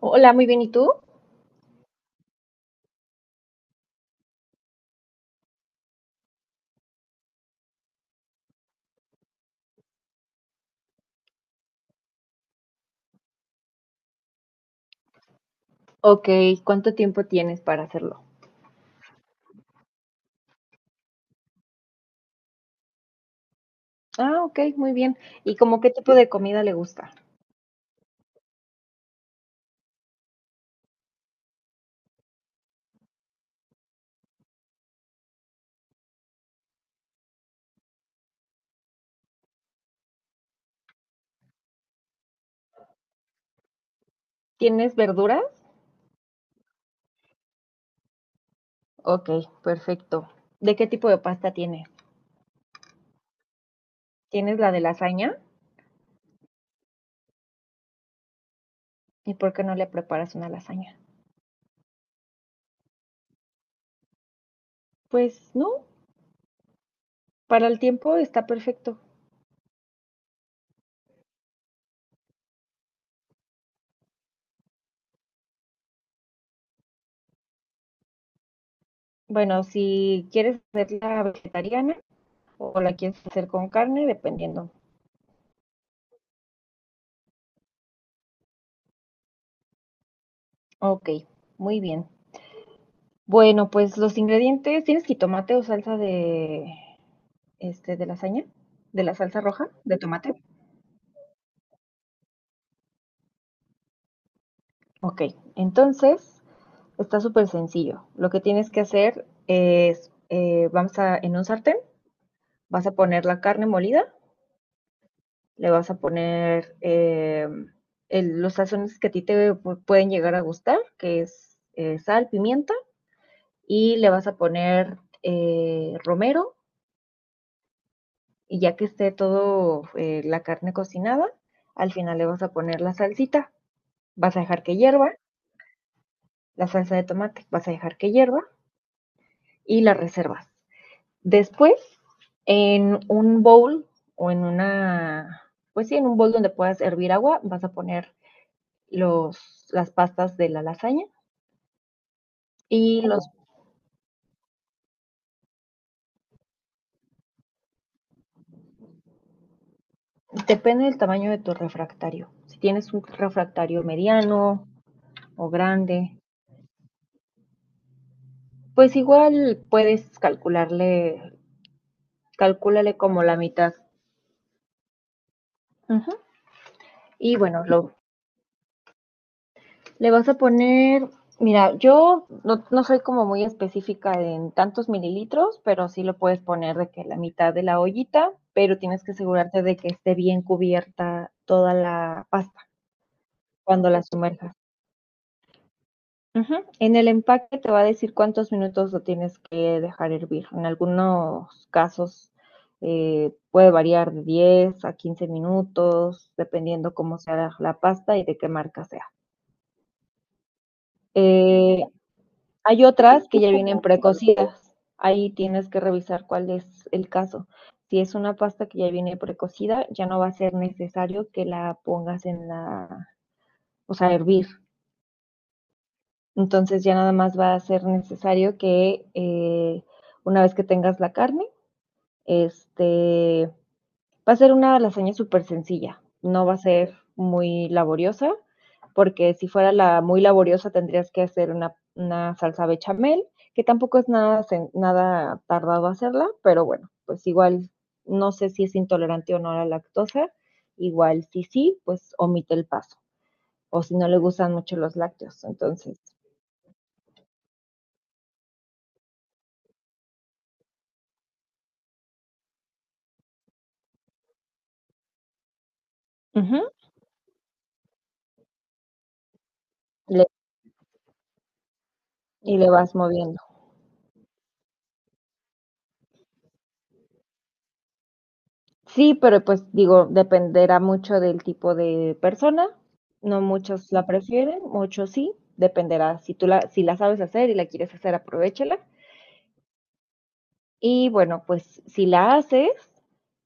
Hola, muy bien, ¿y tú? Ok, ¿cuánto tiempo tienes para hacerlo? Ah, ok, muy bien. ¿Y como qué tipo de comida le gusta? ¿Tienes verduras? Ok, perfecto. ¿De qué tipo de pasta tiene? ¿Tienes la de lasaña? ¿Y por qué no le preparas una lasaña? Pues no, para el tiempo está perfecto. Bueno, si quieres hacerla vegetariana o la quieres hacer con carne, dependiendo. Ok, muy bien. Bueno, pues los ingredientes, ¿tienes jitomate o salsa de este, de lasaña, de la salsa roja, de tomate? Ok, entonces está súper sencillo. Lo que tienes que hacer es, vamos a, en un sartén, vas a poner la carne molida, le vas a poner los sazones que a ti te pueden llegar a gustar, que es sal, pimienta, y le vas a poner romero, y ya que esté todo la carne cocinada, al final le vas a poner la salsita, vas a dejar que hierva la salsa de tomate, vas a dejar que hierva y la reservas. Después, en un bowl o en una, pues sí, en un bowl donde puedas hervir agua, vas a poner las pastas de la lasaña y los, depende del tamaño de tu refractario. Si tienes un refractario mediano o grande, pues igual puedes calcularle, calcúlale como la mitad. Uh -huh. Y bueno, lo, le vas a poner, mira, yo no, no soy como muy específica en tantos mililitros, pero sí lo puedes poner de que la mitad de la ollita, pero tienes que asegurarte de que esté bien cubierta toda la pasta cuando la sumerjas. Ujú. En el empaque te va a decir cuántos minutos lo tienes que dejar hervir. En algunos casos puede variar de 10 a 15 minutos, dependiendo cómo sea la pasta y de qué marca sea. Eh, Hay otras que ya vienen precocidas. Ahí tienes que revisar cuál es el caso. Si es una pasta que ya viene precocida, ya no va a ser necesario que la pongas en la, o sea, hervir. Entonces ya nada más va a ser necesario que una vez que tengas la carne, este, va a ser una lasaña súper sencilla, no va a ser muy laboriosa, porque si fuera la muy laboriosa tendrías que hacer una salsa bechamel, que tampoco es nada, nada tardado hacerla, pero bueno, pues igual no sé si es intolerante o no a la lactosa, igual si sí, pues omite el paso, o si no le gustan mucho los lácteos, entonces ujú, le- y le vas moviendo. Sí, pero pues digo, dependerá mucho del tipo de persona. No muchos la prefieren, muchos sí. Dependerá. Si tú la, si la sabes hacer y la quieres hacer, aprovechala. Y bueno, pues si la haces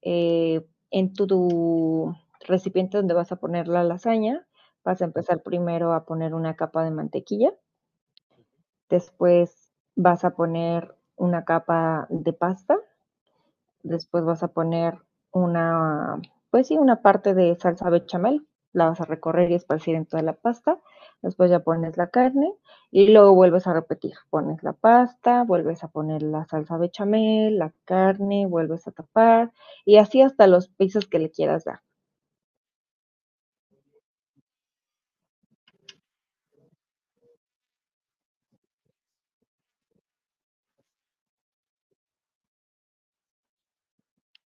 eh, en tu, tu recipiente donde vas a poner la lasaña, vas a empezar primero a poner una capa de mantequilla, después vas a poner una capa de pasta. Después vas a poner una, pues sí, una parte de salsa bechamel. La vas a recorrer y esparcir en toda la pasta. Después ya pones la carne y luego vuelves a repetir. Pones la pasta, vuelves a poner la salsa bechamel, la carne, vuelves a tapar y así hasta los pisos que le quieras dar.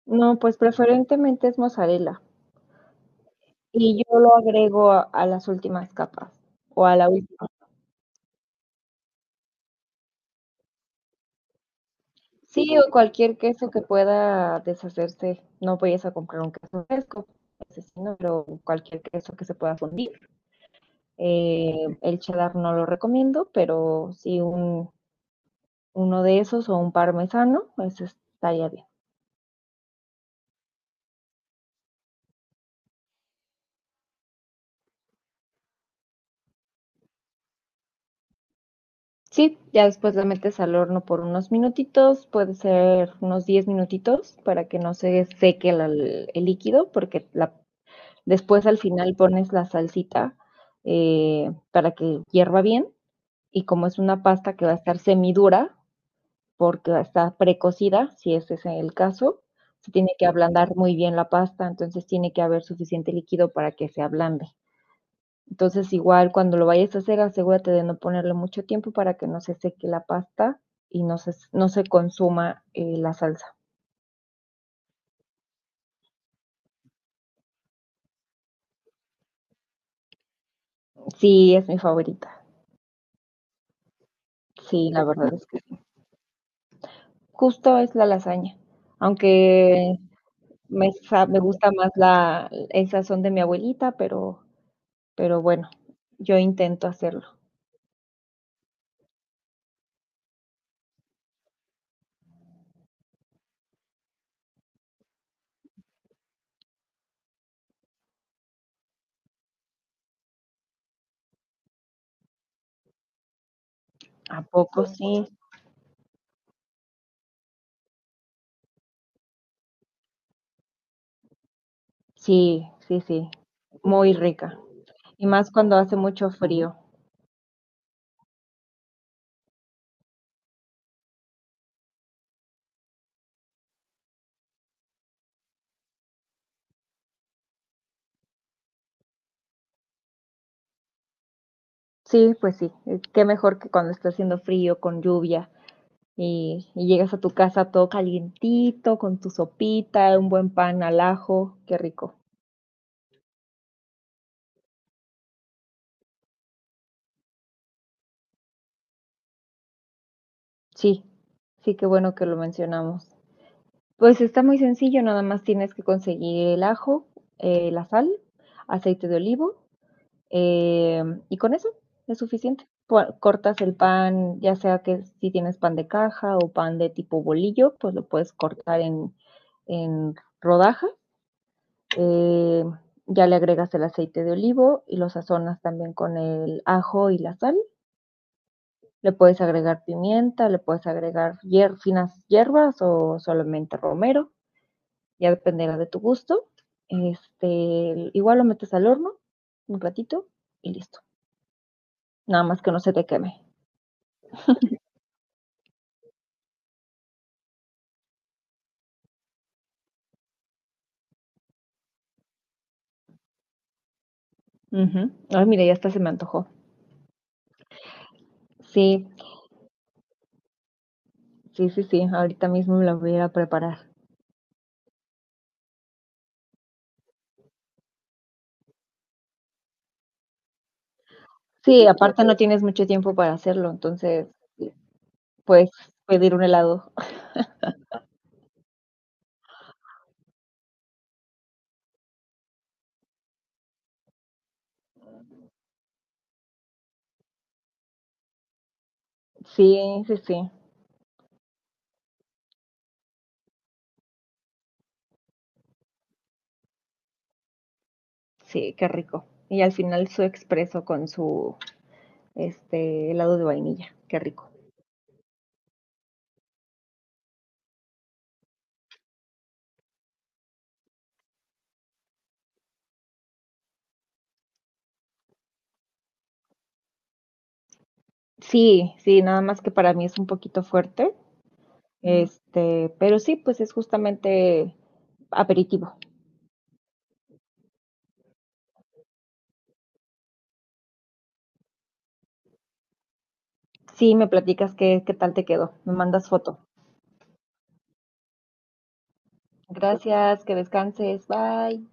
No, pues preferentemente es mozzarella y yo lo agrego a las últimas capas o a la última. Sí, o cualquier queso que pueda deshacerse. No vayas a comprar un queso fresco, ese sí, no, pero cualquier queso que se pueda fundir. Eh, el cheddar no lo recomiendo, pero sí un, uno de esos o un parmesano, ese estaría bien. Sí, ya después la metes al horno por unos minutitos, puede ser unos 10 minutitos para que no se seque el líquido, porque después al final pones la salsita para que hierva bien y como es una pasta que va a estar semidura, porque va a estar precocida, si ese es el caso, se tiene que ablandar muy bien la pasta, entonces tiene que haber suficiente líquido para que se ablande. Entonces igual cuando lo vayas a hacer, asegúrate de no ponerle mucho tiempo para que no se seque la pasta y no se, no se consuma la salsa. Sí, es mi favorita. Sí, la verdad es que justo es la lasaña, aunque me, me gusta más la, esas son de mi abuelita, pero bueno, yo intento hacerlo. ¿A poco sí, sí? Sí, sí, sí. Muy rica. Y más cuando hace mucho frío. Sí, pues sí. Qué mejor que cuando está haciendo frío, con lluvia, y llegas a tu casa todo calientito, con tu sopita, un buen pan al ajo. Qué rico. Sí, sí, qué bueno que lo mencionamos. Pues está muy sencillo, nada más tienes que conseguir el ajo, la sal, aceite de olivo. Eh, y con eso es suficiente. Cortas el pan, ya sea que si tienes pan de caja o pan de tipo bolillo, pues lo puedes cortar en rodajas. Eh, ya le agregas el aceite de olivo y lo sazonas también con el ajo y la sal. Le puedes agregar pimienta, le puedes agregar finas hierbas o solamente romero, ya dependerá de tu gusto. Este, igual lo metes al horno un ratito y listo. Nada más que no se te queme. Ujú. Ay, mira, ya hasta se me antojó. Sí, sí, sí, sí, ahorita mismo me la voy a ir a preparar. Sí, sí, aparte no tienes mucho tiempo para hacerlo, entonces sí, puedes pedir un helado. Sí, sí, sí, sí, qué rico. Y al final su expreso con su este helado de vainilla, qué rico. Sí, sí, nada más que para mí es un poquito fuerte, este, pero sí, pues es justamente aperitivo. Sí, me platicas qué, qué tal te quedó, me mandas foto. Gracias, que descanses. Bye.